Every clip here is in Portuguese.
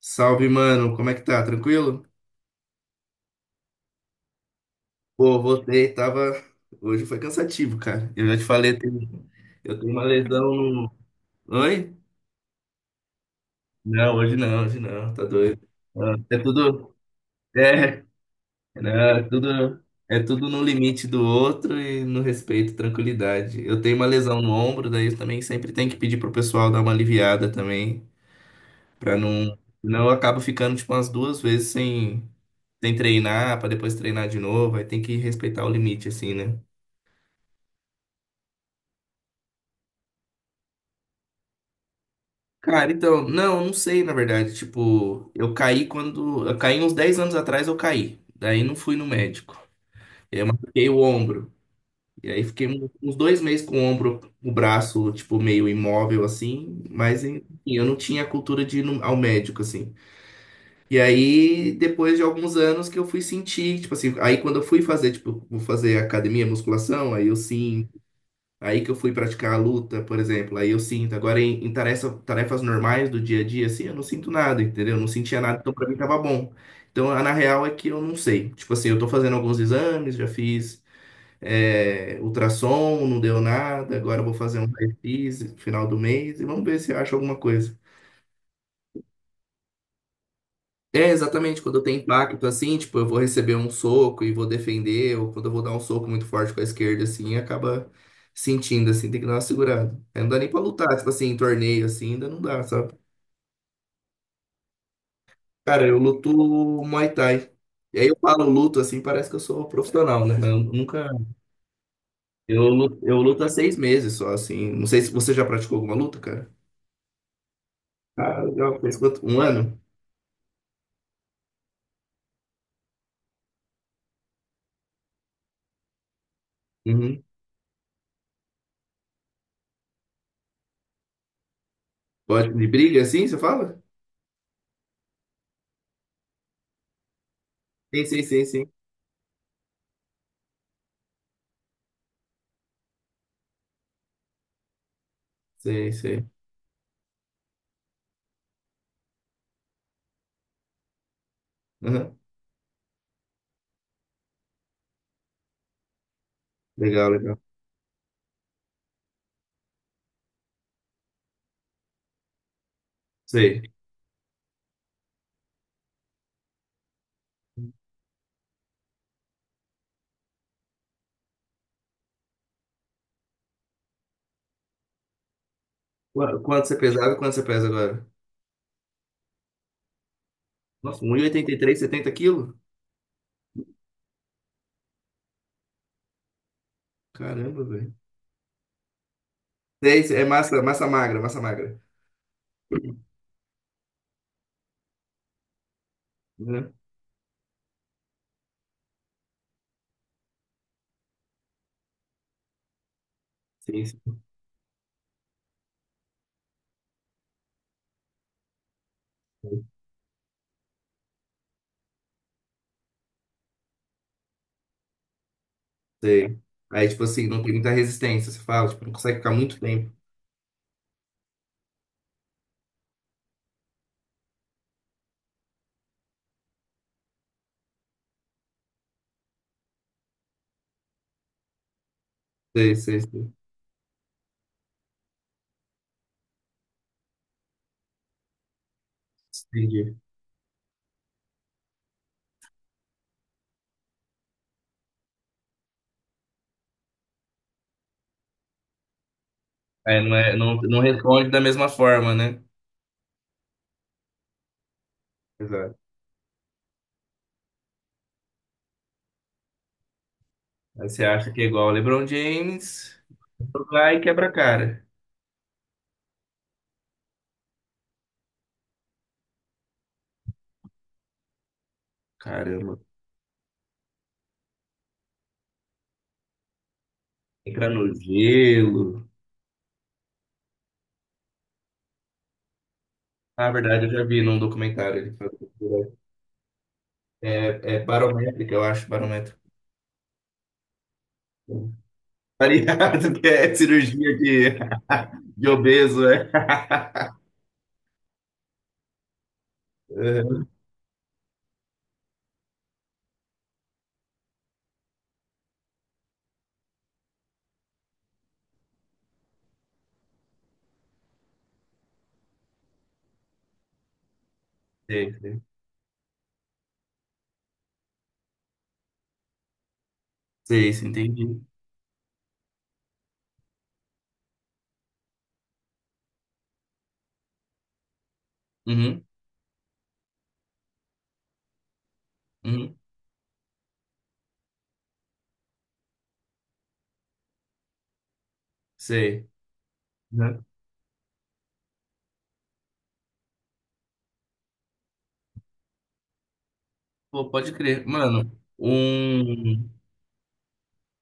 Salve, mano. Como é que tá? Tranquilo? Pô, voltei, tava. Hoje foi cansativo, cara. Eu já te falei, eu tenho uma lesão no. Oi? Não, hoje não, hoje não, tá doido. Ah, é tudo. É, não, é tudo. É tudo no limite do outro e no respeito, tranquilidade. Eu tenho uma lesão no ombro, daí eu também sempre tenho que pedir pro pessoal dar uma aliviada também, pra não. Senão eu acabo ficando, tipo, umas duas vezes sem treinar, pra depois treinar de novo. Aí tem que respeitar o limite, assim, né? Cara, então, não, eu não sei, na verdade. Tipo, eu caí quando. Eu caí uns 10 anos atrás, eu caí. Daí não fui no médico. Eu machuquei o ombro. E aí fiquei uns 2 meses com o ombro, o braço, tipo, meio imóvel, assim. Mas, enfim, eu não tinha a cultura de ir ao médico, assim. E aí, depois de alguns anos que eu fui sentir, tipo assim, aí quando eu fui fazer, tipo, vou fazer academia, musculação, aí eu sim. Aí que eu fui praticar a luta, por exemplo. Aí eu sinto. Agora, em tarefas normais do dia a dia, assim, eu não sinto nada, entendeu? Eu não sentia nada, então pra mim tava bom. Então, na real é que eu não sei. Tipo assim, eu tô fazendo alguns exames, já fiz ultrassom, não deu nada. Agora eu vou fazer um raio-x no final do mês e vamos ver se eu acho alguma coisa. É, exatamente, quando tem impacto assim, tipo, eu vou receber um soco e vou defender, ou quando eu vou dar um soco muito forte com a esquerda, assim, acaba sentindo, assim, tem que dar uma segurada. Aí não dá nem pra lutar, tipo assim, em torneio, assim, ainda não dá, sabe? Cara, eu luto Muay Thai. E aí eu falo luto, assim, parece que eu sou profissional, né? Eu nunca... Eu luto há 6 meses só, assim. Não sei se você já praticou alguma luta, cara? Ah, legal. Fez quanto? Um ano? Uhum. Pode, de briga, assim, você fala? Sim, sim, sim, sim. Sei, sei. Uhum. Legal, legal. Sei. Quanto você pesava e quanto você pesa agora? Nossa, 1,83, 70 quilos? Caramba, velho. Sei, sei, é massa, massa magra, massa magra. Né? Sim, sim. Sei. Aí, tipo assim, não tem muita resistência, você fala, tipo, não consegue ficar muito tempo. Sei, sei, sei. Entendi. É, não, não responde da mesma forma, né? Exato. Aí você acha que é igual o LeBron James, vai e quebra a cara. Caramba. Entra no gelo. Na verdade, eu já vi num documentário ele falando. É barométrica, eu acho, barométrica. Variado, que é cirurgia de obeso, é. Uhum. Sei, sei. Sei, isso, entendi. Uhum, uhum, sei. Né? Pô, pode crer. Mano, um...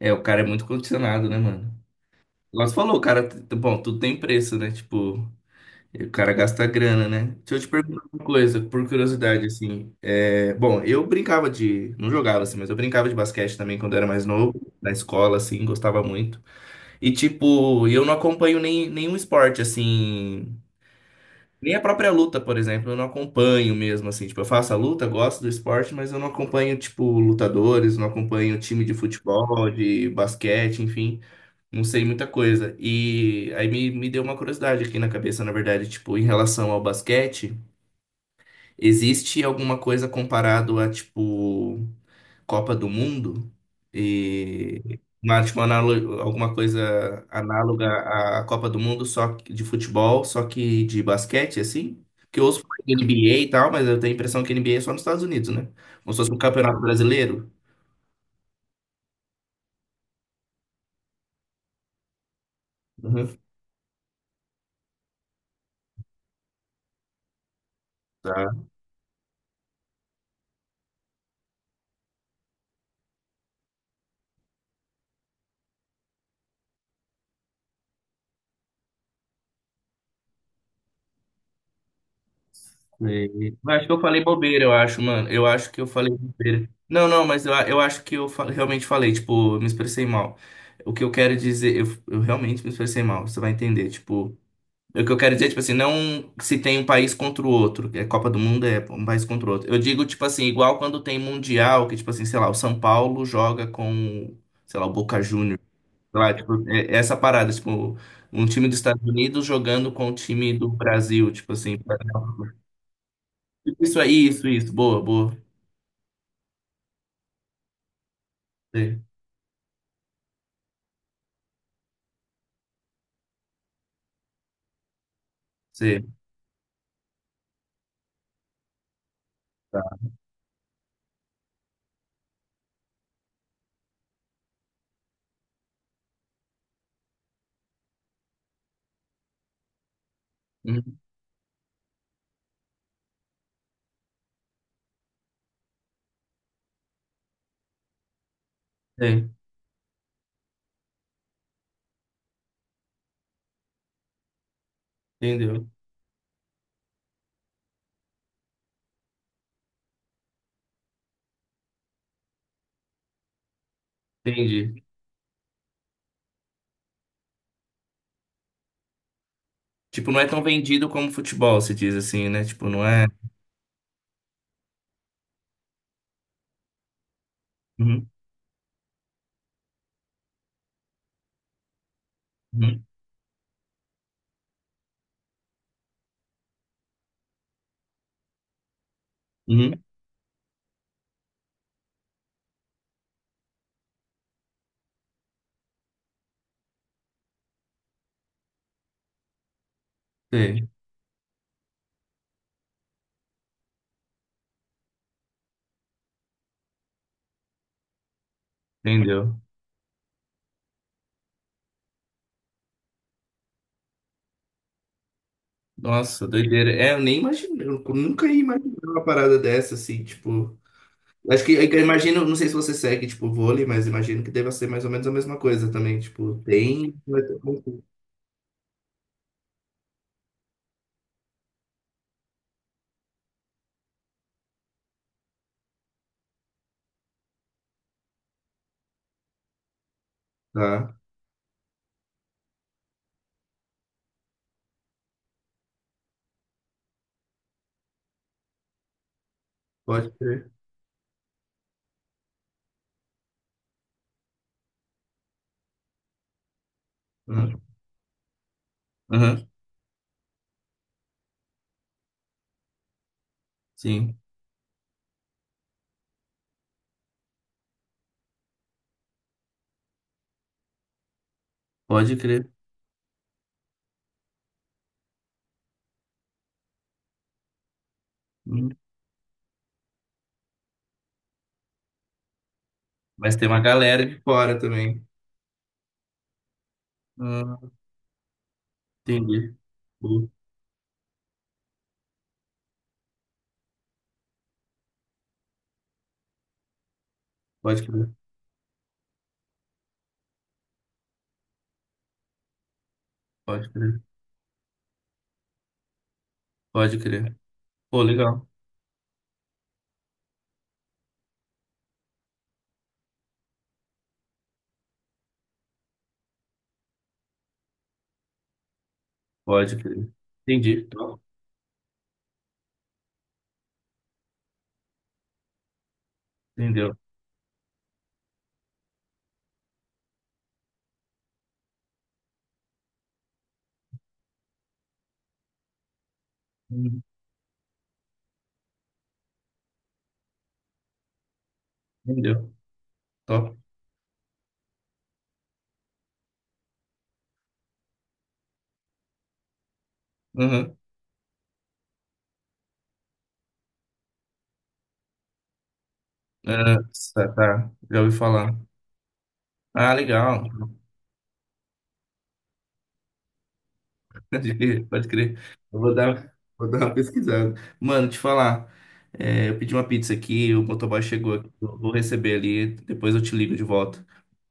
É, o cara é muito condicionado, né, mano? Nós falou, o cara... Bom, tudo tem preço, né? Tipo... E o cara gasta grana, né? Deixa eu te perguntar uma coisa, por curiosidade, assim. É... Bom, eu brincava de. Não jogava, assim, mas eu brincava de basquete também quando eu era mais novo, na escola, assim, gostava muito. E, tipo, eu não acompanho nem, nenhum esporte, assim. Nem a própria luta, por exemplo, eu não acompanho mesmo, assim. Tipo, eu faço a luta, gosto do esporte, mas eu não acompanho, tipo, lutadores, não acompanho time de futebol, de basquete, enfim. Não sei muita coisa. E aí me deu uma curiosidade aqui na cabeça, na verdade, tipo, em relação ao basquete, existe alguma coisa comparado a, tipo, Copa do Mundo? E uma, tipo, alguma coisa análoga à Copa do Mundo, de futebol, só que de basquete, assim? Que eu ouço falar de NBA e tal, mas eu tenho a impressão que NBA é só nos Estados Unidos, né? Como se fosse um campeonato brasileiro. Uhum. Sei. Eu acho que eu falei bobeira, eu acho, mano. Eu acho que eu falei bobeira. Não, não, mas eu, eu acho que eu realmente falei, tipo, eu me expressei mal. O que eu quero dizer, eu realmente me expressei mal, você vai entender, tipo. O que eu quero dizer, tipo assim, não se tem um país contra o outro, que é Copa do Mundo é um país contra o outro. Eu digo, tipo assim, igual quando tem Mundial, que, tipo assim, sei lá, o São Paulo joga com, sei lá, o Boca Juniors. Sei lá, tipo, é essa parada, tipo, um time dos Estados Unidos jogando com o time do Brasil, tipo assim. Tipo, isso aí, isso, isso. Boa, boa. Sei, sei. Tá. Hum, sei. Entendeu? Entendi. Tipo, não é tão vendido como futebol, se diz assim, né? Tipo, não é. Uhum, uhum, uhum. Sei, entendeu? Nossa, doideira. É, eu nem imaginei, eu nunca ia imaginar uma parada dessa, assim, tipo. Acho que eu imagino, não sei se você segue, tipo, vôlei, mas imagino que deva ser mais ou menos a mesma coisa também. Tipo, tem. Vai ter concurso. Tá, pode crer. Uhum, uhum, sim, pode crer. Uhum. Mas tem uma galera de fora também. Hum, entendi. Pô, pode crer, pode crer, pode crer. Pô, legal. Pode crer. Entendi. Top. Entendeu. Uhum, entendeu. Top. Uhum. Ah, tá, tá. Já ouvi falar. Ah, legal. Pode crer, pode crer. Eu vou dar uma pesquisada. Mano, te falar. Eu pedi uma pizza aqui, o motoboy chegou aqui. Eu vou receber ali, depois eu te ligo de volta.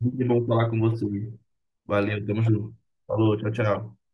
Muito bom falar com você. Valeu, tamo junto. Falou, tchau, tchau.